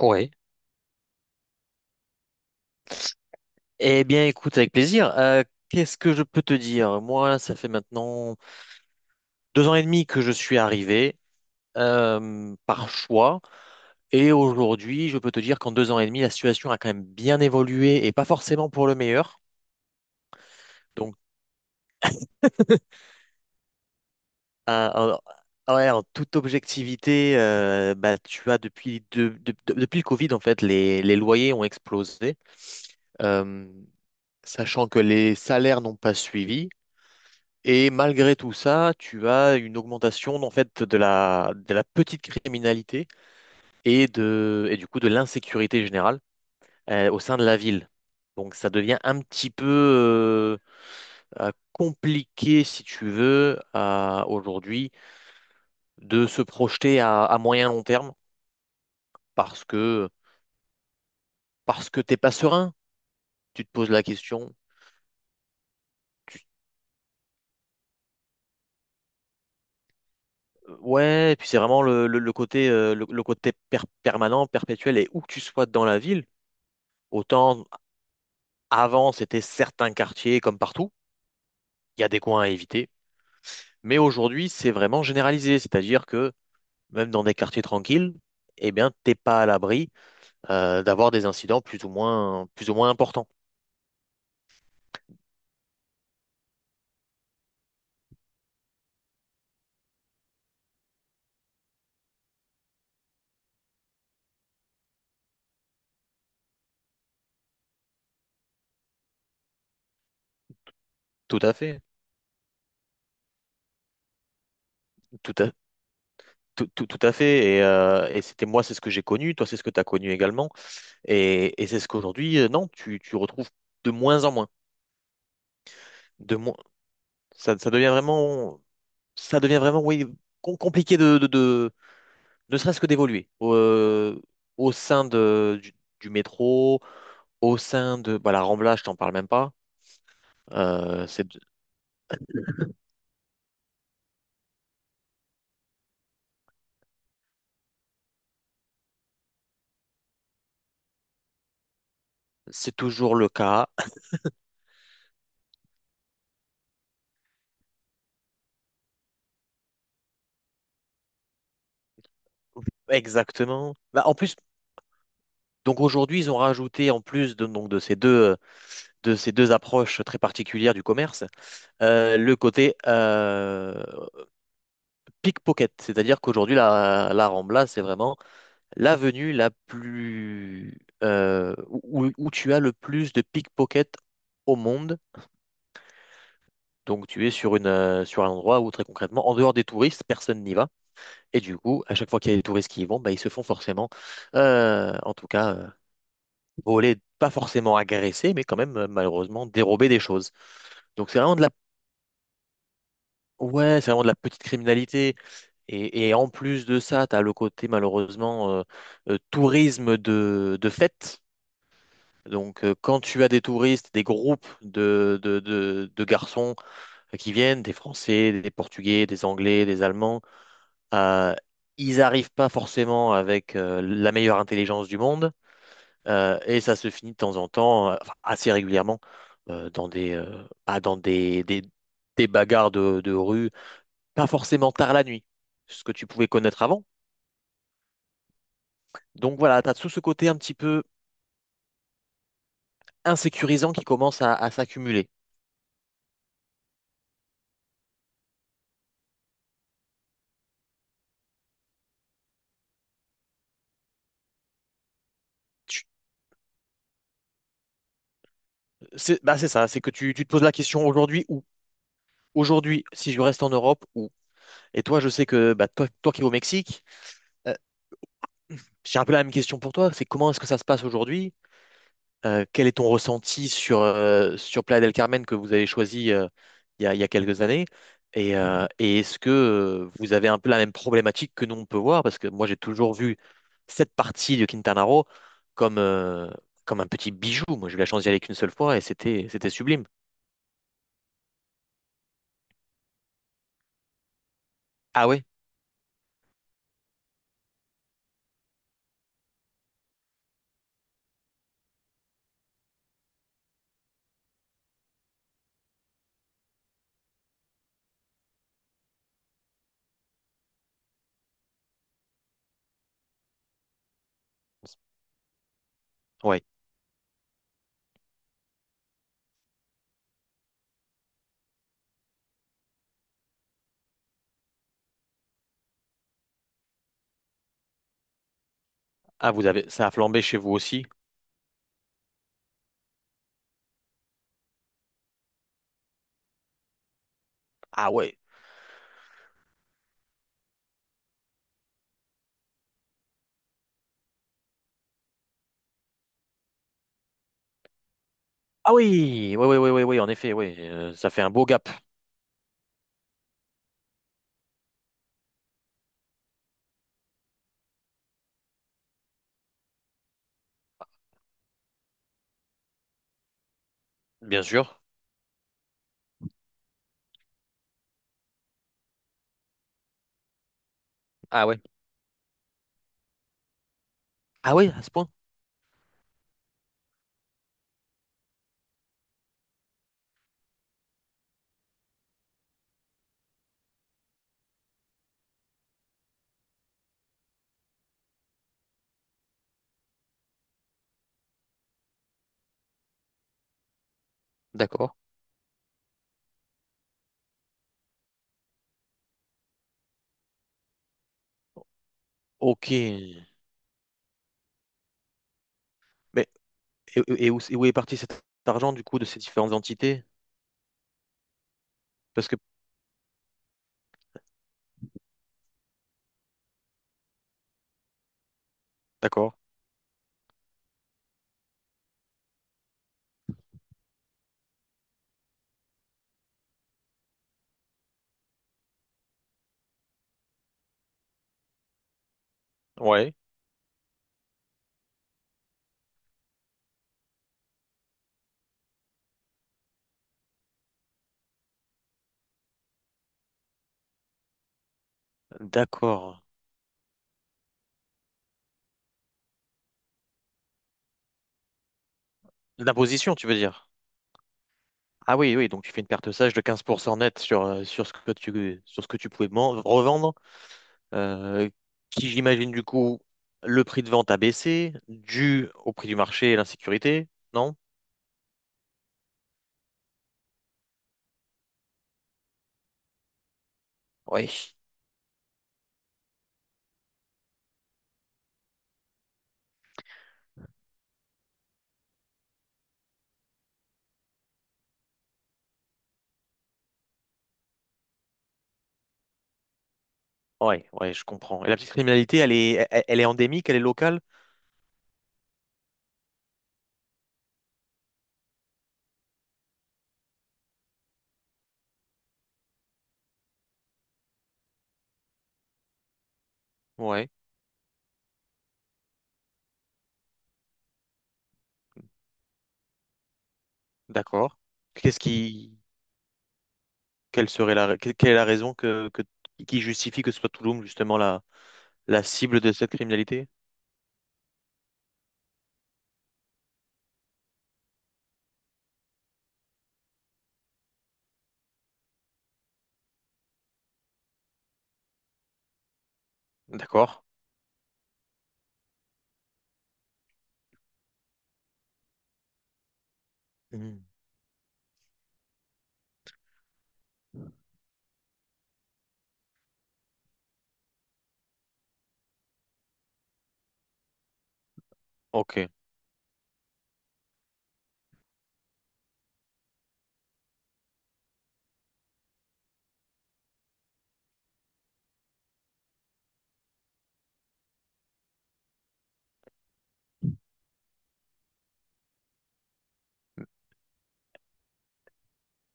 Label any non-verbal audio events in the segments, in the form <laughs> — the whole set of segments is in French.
Oui. Eh bien, écoute, avec plaisir. Qu'est-ce que je peux te dire? Moi, ça fait maintenant deux ans et demi que je suis arrivé par choix. Et aujourd'hui, je peux te dire qu'en deux ans et demi, la situation a quand même bien évolué et pas forcément pour le meilleur. Donc, <laughs> euh, ouais, en toute objectivité, bah, tu as depuis, depuis le Covid, en fait, les loyers ont explosé. Euh, sachant que les salaires n'ont pas suivi. Et malgré tout ça, tu as une augmentation en fait de de la petite criminalité et du coup de l'insécurité générale au sein de la ville. Donc ça devient un petit peu compliqué, si tu veux, aujourd'hui, de se projeter à moyen long terme parce que parce que t'es pas serein. Tu te poses la question. tu- Ouais, et puis c'est vraiment le côté le côté permanent, perpétuel, et où que tu sois dans la ville, autant. Avant, c'était certains quartiers, comme partout, il y a des coins à éviter. Mais aujourd'hui, c'est vraiment généralisé, c'est-à-dire que même dans des quartiers tranquilles, eh bien, t'es pas à l'abri d'avoir des incidents plus ou moins importants. Tout à fait, tout à, tout à fait. Et c'était moi, c'est ce que j'ai connu, toi, c'est ce que tu as connu également. Et c'est ce qu'aujourd'hui, non, tu retrouves de moins en moins. De moins, ça, ça devient vraiment, ça devient vraiment, oui, compliqué de, ne serait-ce que d'évoluer au sein du métro, au sein de bah, la Rambla, je t'en parle même pas. Euh, c'est, c'est toujours le cas. <laughs> Exactement. Bah, en plus, donc aujourd'hui, ils ont rajouté, en plus de, donc, de ces deux approches très particulières du commerce, le côté pickpocket. C'est-à-dire qu'aujourd'hui, la Rambla, c'est vraiment l'avenue la plus, où tu as le plus de pickpockets au monde. Donc tu es sur sur un endroit où très concrètement, en dehors des touristes, personne n'y va. Et du coup, à chaque fois qu'il y a des touristes qui y vont, bah, ils se font forcément, en tout cas, voler, pas forcément agresser, mais quand même malheureusement dérober des choses. Donc c'est vraiment de la ouais, c'est vraiment de la petite criminalité. Et en plus de ça, tu as le côté malheureusement tourisme de fête. Donc quand tu as des touristes, des groupes de garçons qui viennent, des Français, des Portugais, des Anglais, des Allemands. Euh, Ils n'arrivent pas forcément avec la meilleure intelligence du monde, et ça se finit de temps en temps, enfin, assez régulièrement, dans des, ah, dans des bagarres de rue, pas forcément tard la nuit, ce que tu pouvais connaître avant. Donc voilà, tu as tout ce côté un petit peu insécurisant qui commence à s'accumuler. Tu- C'est bah, c'est ça, c'est que tu te poses la question aujourd'hui, où? Aujourd'hui, si je reste en Europe, où? Et toi, je sais que bah, toi qui es au Mexique, euh, j'ai un peu la même question pour toi, c'est comment est-ce que ça se passe aujourd'hui? Quel est ton ressenti sur Playa del Carmen que vous avez choisi il y a quelques années? Et est-ce que vous avez un peu la même problématique que nous on peut voir? Parce que moi j'ai toujours vu cette partie de Quintana Roo comme, comme un petit bijou. Moi j'ai eu la chance d'y aller qu'une seule fois et c'était sublime. Ah ouais? Ouais. Ah vous avez, ça a flambé chez vous aussi? Ah ouais. Ah oui, oui, oui, oui, oui, oui, en effet, oui. Ça fait un beau gap, bien sûr. Ah ouais. Ah ouais, à ce point? D'accord. Ok. Mais et, et où est parti cet argent, du coup, de ces différentes entités? Parce que, d'accord. Ouais. D'accord. L'imposition, tu veux dire? Ah oui, oui, donc tu fais une perte sage de 15% net sur ce que tu pouvais revendre, euh, qui, j'imagine, du coup, le prix de vente a baissé, dû au prix du marché et l'insécurité, non? Oui, ouais, ouais, je comprends. Et la petite criminalité, elle est, elle est endémique, elle est locale? Ouais, d'accord. Qu'est-ce qui, quelle serait la, quelle quelle est la raison qui justifie que ce soit Tulum justement la, la cible de cette criminalité? D'accord. Hmm. Ok.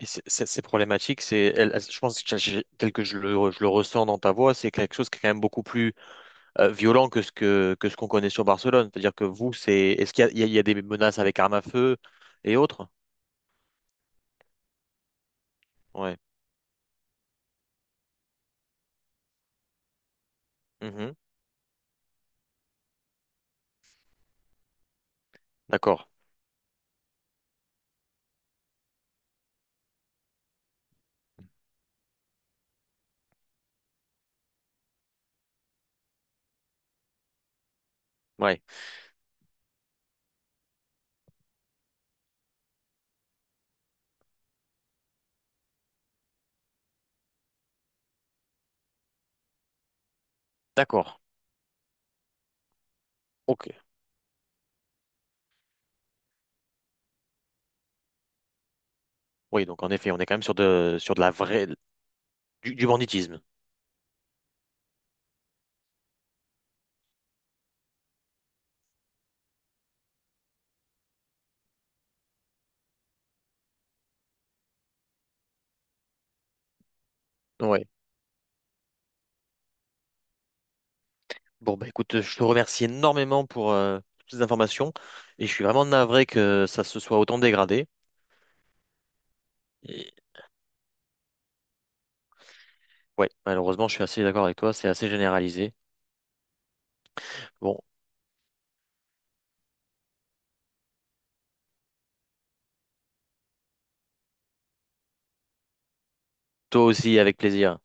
Ces problématiques, je pense que tel que je le ressens dans ta voix, c'est quelque chose qui est quand même beaucoup plus violent que que ce qu'on connaît sur Barcelone. C'est-à-dire que vous, est-ce qu'il y a, il y a des menaces avec armes à feu et autres? Ouais. Mhm. D'accord. Ouais. D'accord. Ok. Oui, donc en effet, on est quand même sur de la vraie, du banditisme. Ouais. Bon, bah écoute, je te remercie énormément pour toutes ces informations et je suis vraiment navré que ça se soit autant dégradé. Et ouais, malheureusement, je suis assez d'accord avec toi, c'est assez généralisé. Bon, toi aussi, avec plaisir.